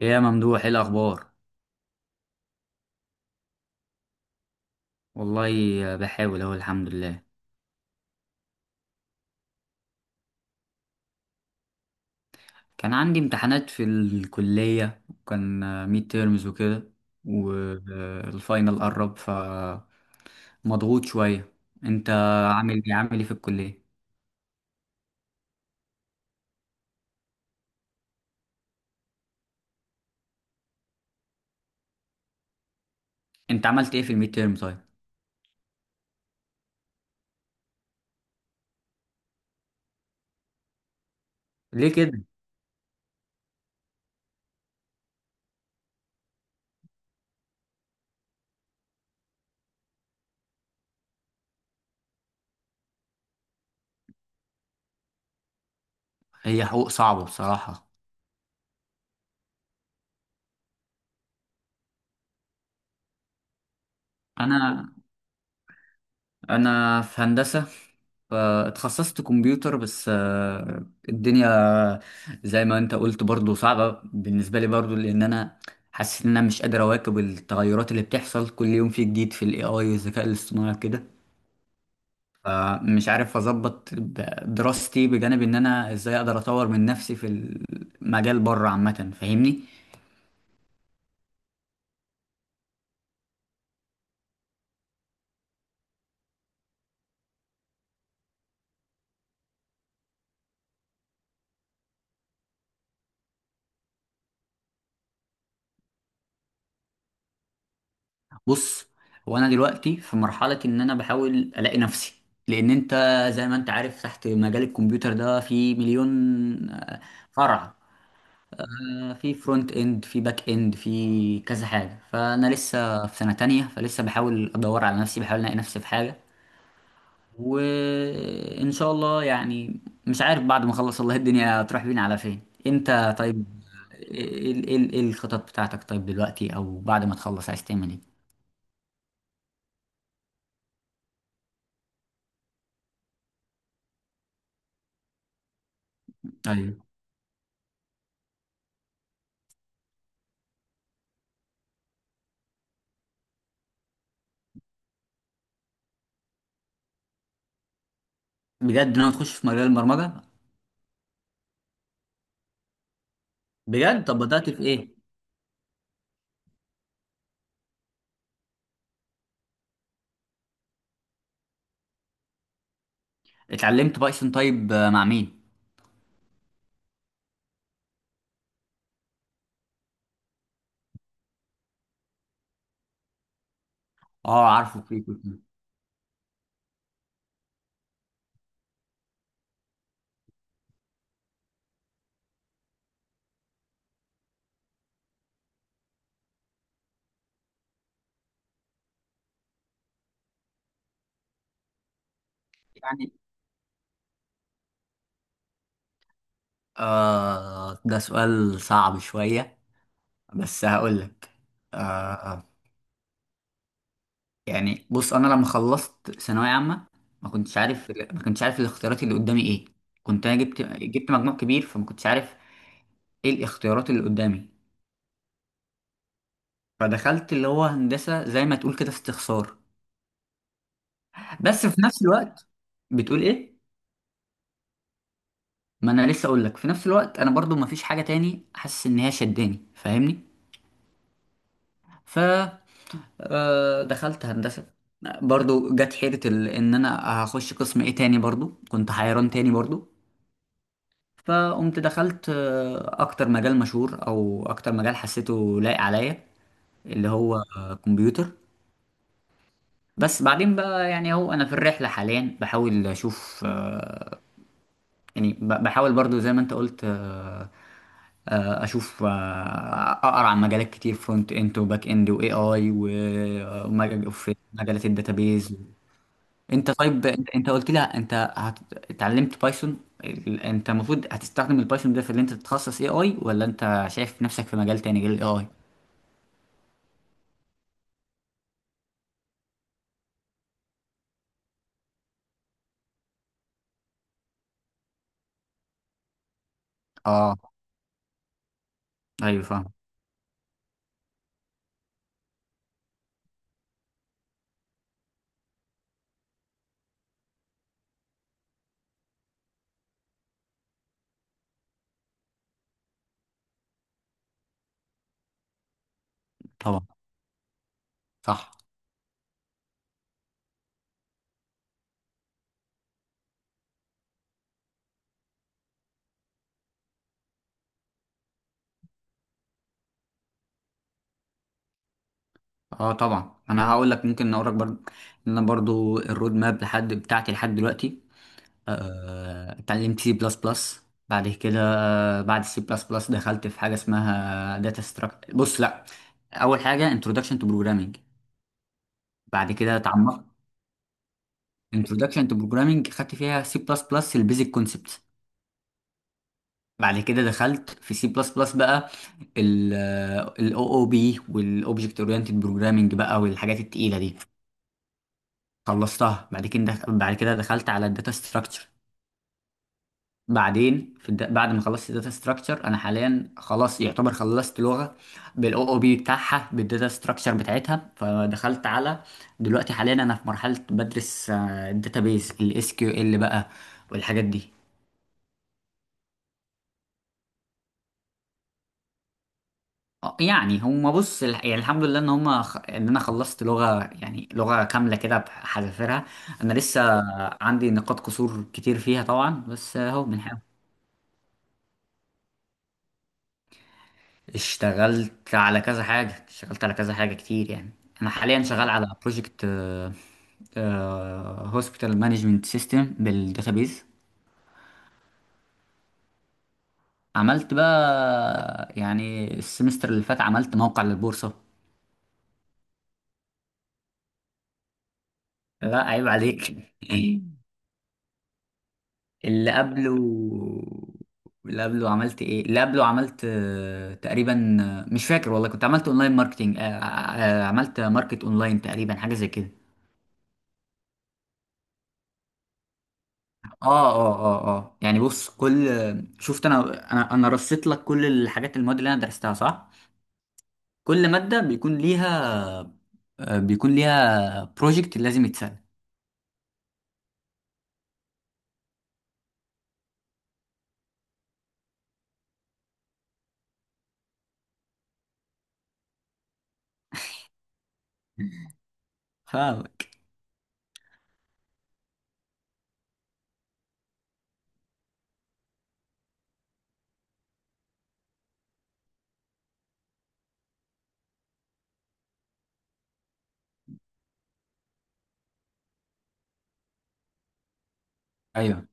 ايه يا ممدوح، ايه الاخبار؟ والله بحاول اهو، الحمد لله. كان عندي امتحانات في الكلية، وكان ميد تيرمز وكده، والفاينل قرب، ف مضغوط شوية. انت عامل ايه؟ عامل ايه في الكلية؟ انت عملت ايه في الميد تيرم طيب؟ ليه كده؟ هي حقوق صعبة بصراحة. انا انا في هندسه، فاتخصصت كمبيوتر، بس الدنيا زي ما انت قلت برضو صعبه بالنسبه لي، برضو لان انا حاسس ان انا مش قادر اواكب التغيرات اللي بتحصل كل يوم، في جديد في الاي اي والذكاء الاصطناعي كده. فمش عارف اظبط دراستي، بجانب ان انا ازاي اقدر اطور من نفسي في المجال بره عامه، فاهمني؟ بص، هو انا دلوقتي في مرحله ان انا بحاول الاقي نفسي، لان انت زي ما انت عارف تحت مجال الكمبيوتر ده في مليون آه، فرع. في فرونت اند، في باك اند، في كذا حاجه. فانا لسه في سنه تانية، فلسه بحاول ادور على نفسي، بحاول الاقي نفسي في حاجه. وان شاء الله يعني، مش عارف بعد ما اخلص والله الدنيا هتروح بينا على فين. انت طيب، ايه إيه الخطط بتاعتك طيب دلوقتي، او بعد ما تخلص عايز تعمل ايه؟ ايوه. بجد ناوي تخش في مجال البرمجة؟ بجد؟ طب بدأت في ايه؟ اتعلمت بايثون طيب مع مين؟ اه عارفه، في كتير. يعني آه، ده سؤال صعب شوية، بس هقول لك. آه. يعني بص، انا لما خلصت ثانوية عامة ما كنتش عارف الاختيارات اللي قدامي ايه. كنت انا جبت مجموع كبير، فما كنتش عارف ايه الاختيارات اللي قدامي. فدخلت اللي هو هندسة، زي ما تقول كده استخسار. بس في نفس الوقت، بتقول ايه؟ ما انا لسه اقول لك، في نفس الوقت انا برضو ما فيش حاجه تاني حاسس ان هي شداني، فاهمني؟ ف دخلت هندسه، برضو جت حيره ان انا هخش قسم ايه تاني، برضو كنت حيران تاني برضو. فقمت دخلت اكتر مجال مشهور او اكتر مجال حسيته لايق عليا، اللي هو كمبيوتر. بس بعدين بقى يعني اهو انا في الرحله حاليا بحاول اشوف يعني بحاول برضو زي ما انت قلت، اشوف اقرا عن مجالات كتير، فرونت اند وباك اند واي اي، وفي مجالات الداتابيز. انت طيب، انت قلت لي انت اتعلمت بايثون. انت المفروض هتستخدم البايثون ده في اللي انت تتخصص اي اي، ولا انت شايف نفسك في مجال تاني غير الاي اي؟ اه. ايوه فاهم. طبعا. صح. اه طبعا، انا هقول لك، ممكن اقول لك برضو ان انا برضو الرود ماب بتاعتي لحد دلوقتي. اتعلمت سي بلس بلس، بعد كده بعد سي بلس بلس دخلت في حاجه اسمها داتا ستراكشر. بص لا، اول حاجه انتروداكشن تو بروجرامنج، بعد كده اتعمقت. انتروداكشن تو بروجرامنج خدت فيها سي بلس بلس البيزك كونسبت. بعد كده دخلت في سي بلس بلس بقى، الاو او بي والاوبجكت اورينتد بروجرامنج بقى، والحاجات التقيله دي خلصتها. بعد كده دخلت على الداتا ستراكشر. بعدين في بعد ما خلصت الداتا ستراكشر انا حاليا خلاص يعتبر خلصت لغه بالاو او بي بتاعها، بالداتا ستراكشر بتاعتها. فدخلت على، دلوقتي حاليا انا في مرحله بدرس الداتابيز، الاس كيو ال بقى والحاجات دي. يعني هما بص يعني الحمد لله ان ان انا خلصت لغه، يعني لغه كامله كده بحذافيرها. انا لسه عندي نقاط قصور كتير فيها طبعا، بس اهو بنحاول. اشتغلت على كذا حاجة، اشتغلت على كذا حاجة كتير يعني. أنا حاليا شغال على بروجكت هوسبيتال مانجمنت سيستم بالداتابيز. عملت بقى يعني السمستر اللي فات عملت موقع للبورصة. لا عيب عليك. اللي قبله، اللي قبله عملت ايه؟ اللي قبله عملت تقريبا، مش فاكر والله، كنت عملت اونلاين ماركتينج، عملت ماركت اونلاين تقريبا، حاجة زي كده. اه يعني بص، شفت انا، انا رصيت لك كل الحاجات، المواد اللي انا درستها صح؟ كل ماده بيكون ليها بيكون ليها بروجكت لازم يتسال. فاهمك. ايوه،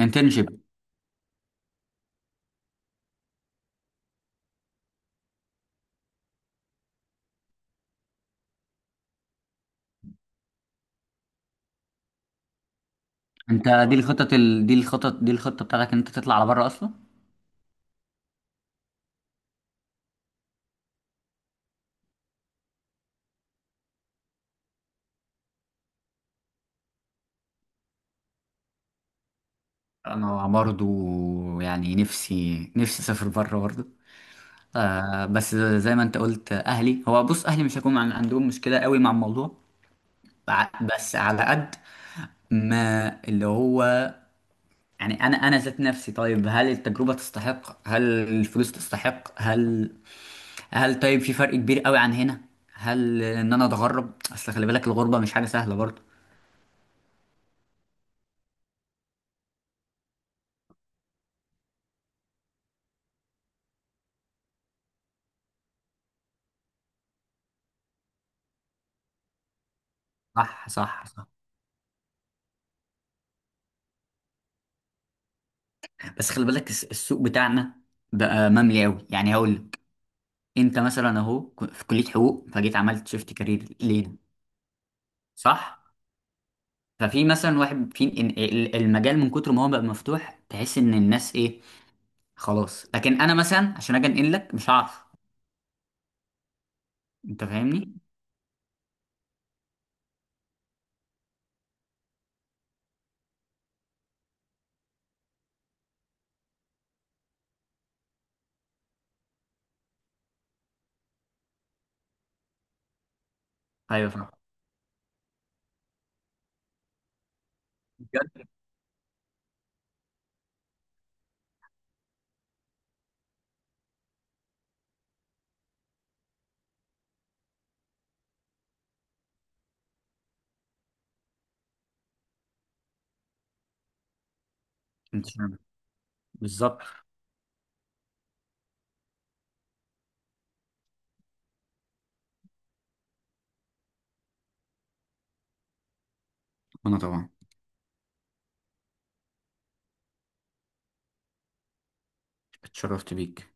انترنشيب. انت دي دي دي الخطه بتاعتك ان انت تطلع على بره اصلا؟ انا برضو يعني نفسي اسافر بره برضو. آه بس زي ما انت قلت، اهلي هو بص اهلي مش هيكون عندهم مشكله قوي مع الموضوع. بس على قد ما اللي هو، يعني انا انا ذات نفسي طيب، هل التجربه تستحق؟ هل الفلوس تستحق؟ هل طيب في فرق كبير قوي عن هنا؟ هل ان انا اتغرب، اصل خلي بالك الغربه مش حاجه سهله برضه. صح. بس خلي بالك، السوق بتاعنا بقى مملي قوي، يعني هقول لك. انت مثلا اهو، في كليه حقوق، فجيت عملت شيفت كارير ليه؟ صح. ففي مثلا واحد في المجال، من كتر ما هو بقى مفتوح تحس ان الناس ايه، خلاص. لكن انا مثلا عشان اجي انقل لك مش هعرف، انت فاهمني. ايوه فاهم. بجد. انت شايف. بالظبط. وانا طبعا. اتشرفت بيك.